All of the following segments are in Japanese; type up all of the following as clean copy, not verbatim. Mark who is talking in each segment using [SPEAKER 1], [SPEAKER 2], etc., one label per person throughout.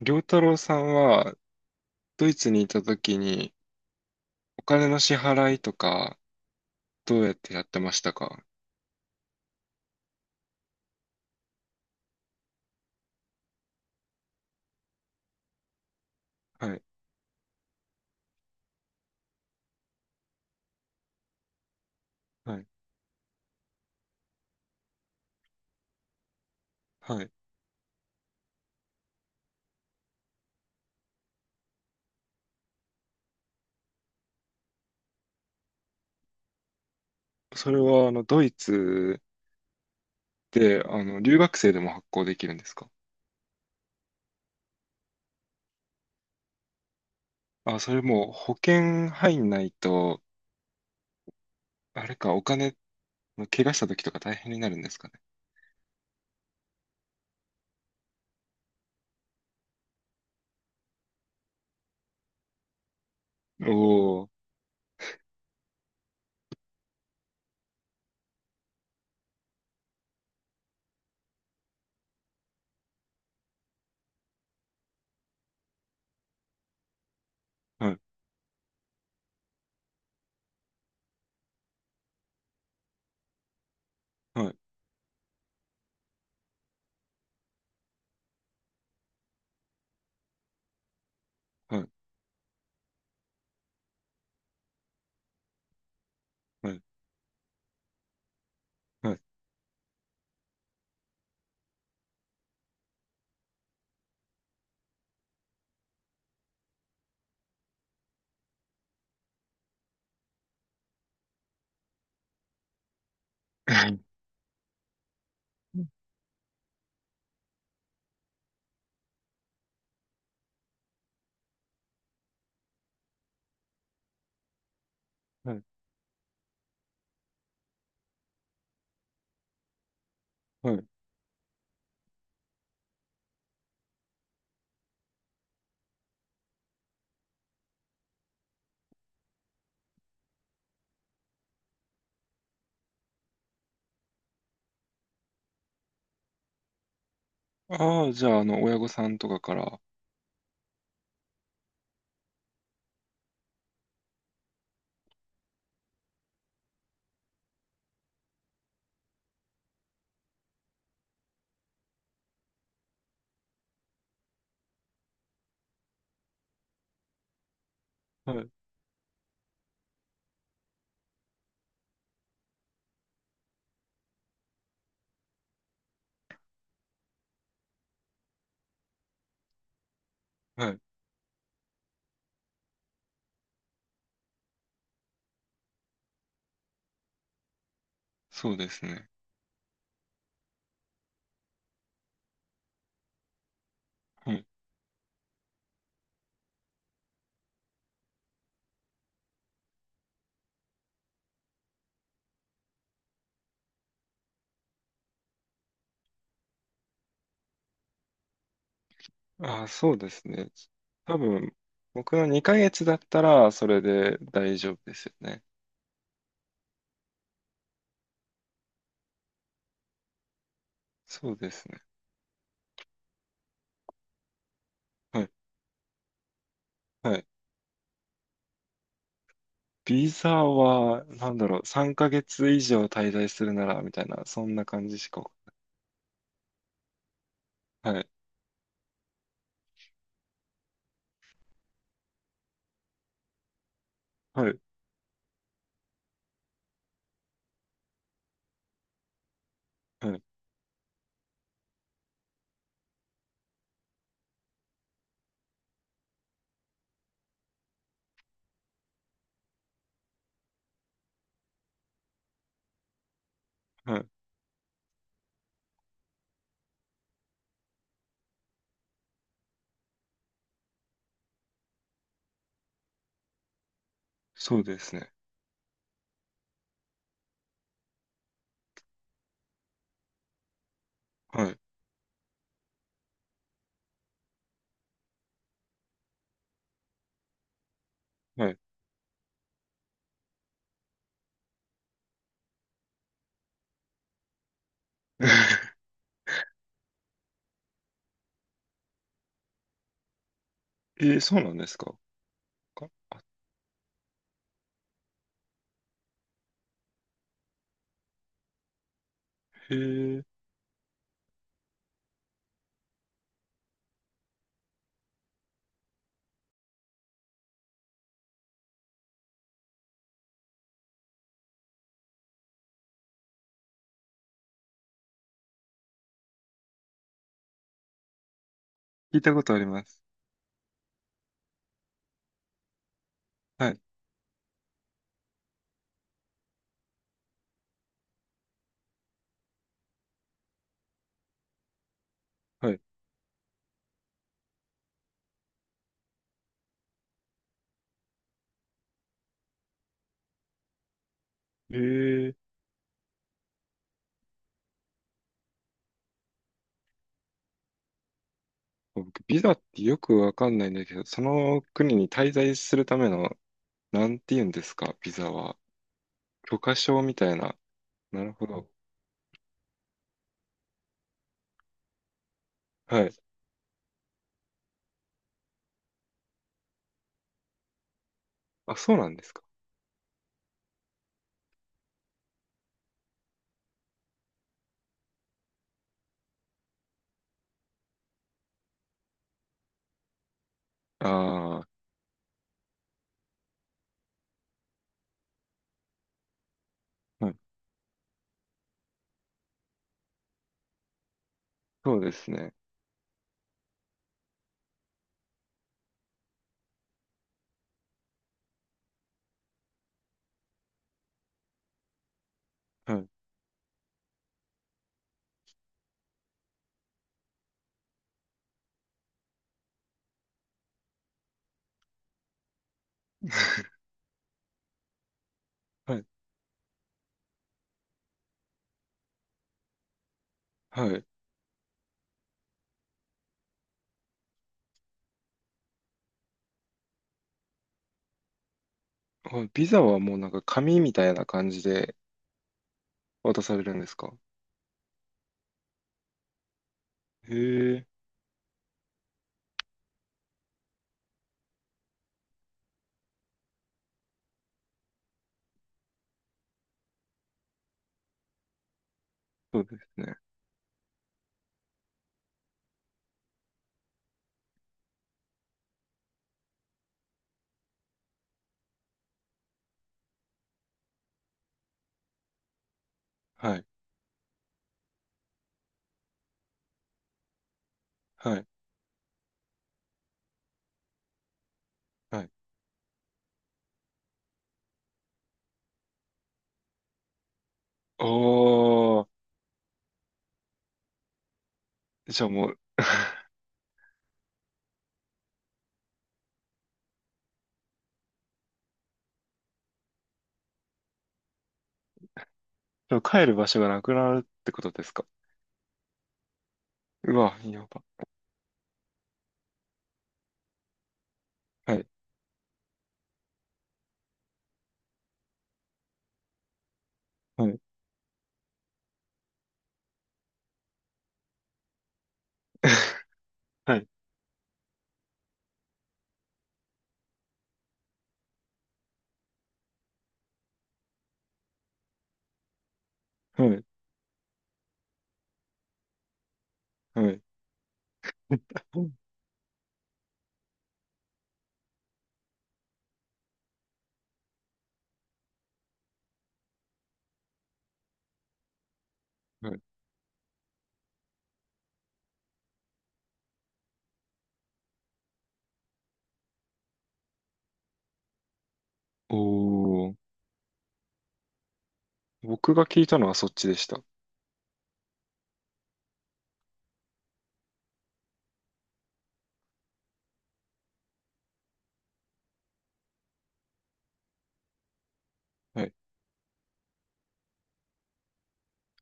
[SPEAKER 1] 良太郎さんはドイツにいた時にお金の支払いとかどうやってやってましたか？はい、はい、はい。それはドイツで留学生でも発行できるんですか？あ、それもう保険入んないと、あれかお金、怪我した時とか大変になるんですかね。おお、はい、はい、はい、はい、はい。はい、はい。ああ、じゃあ、あの、親御さんとかから、はい、はい、そうですね。ああ、そうですね。多分、僕の2ヶ月だったら、それで大丈夫ですよね。そうですね。はい。はい。ビザは、なんだろう、3ヶ月以上滞在するなら、みたいな、そんな感じしか。はい。はい。はい。はい。そうですね。はい。はい。えー、そうなんですか？かあ、へえ、聞いたことあります。はい。はい。えー、僕、ビザってよくわかんないんだけど、その国に滞在するためのなんて言うんですか、ビザは。許可証みたいな。なるほど。はい。あ、そうなんですか。ああ、はい。そうですね。はい。はい。はい。あ、ビザはもうなんか紙みたいな感じで渡されるんですか？へえ、そうですね。はい。はい。はい。ああ、じゃあもう、じゃあ帰る場所がなくなるってことですか？うわ、やば。はい。はい。はい。はい。はい。はい。おおー、僕が聞いたのはそっちでした。はい。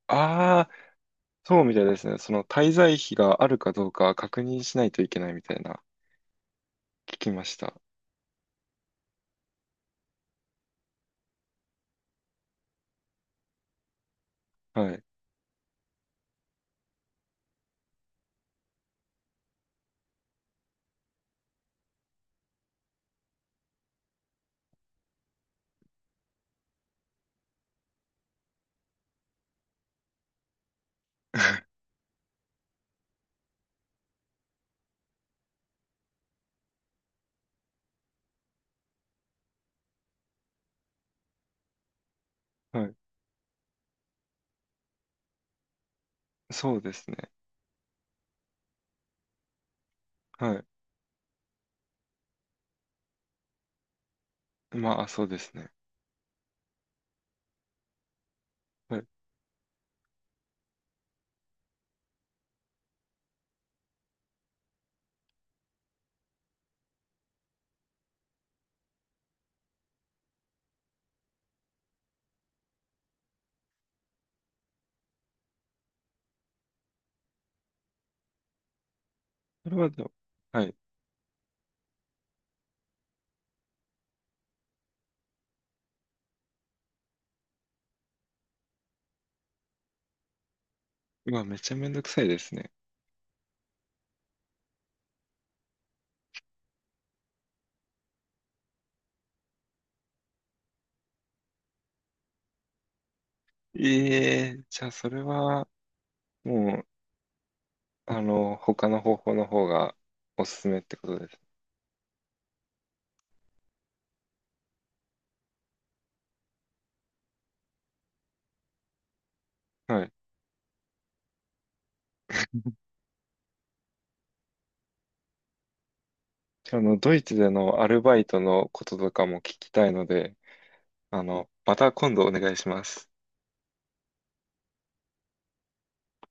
[SPEAKER 1] ああ、そうみたいですね。その滞在費があるかどうか確認しないといけないみたいな、聞きました。はい。はい。そうですね。はい。まあ、そうですね。はい。それはでも、はい。まあ、めちゃめんどくさいですね。ええ、じゃあ、それは、もう、あの、他の方法の方がおすすめってことです。はい。あの、ドイツでのアルバイトのこととかも聞きたいので、あの、また今度お願いします。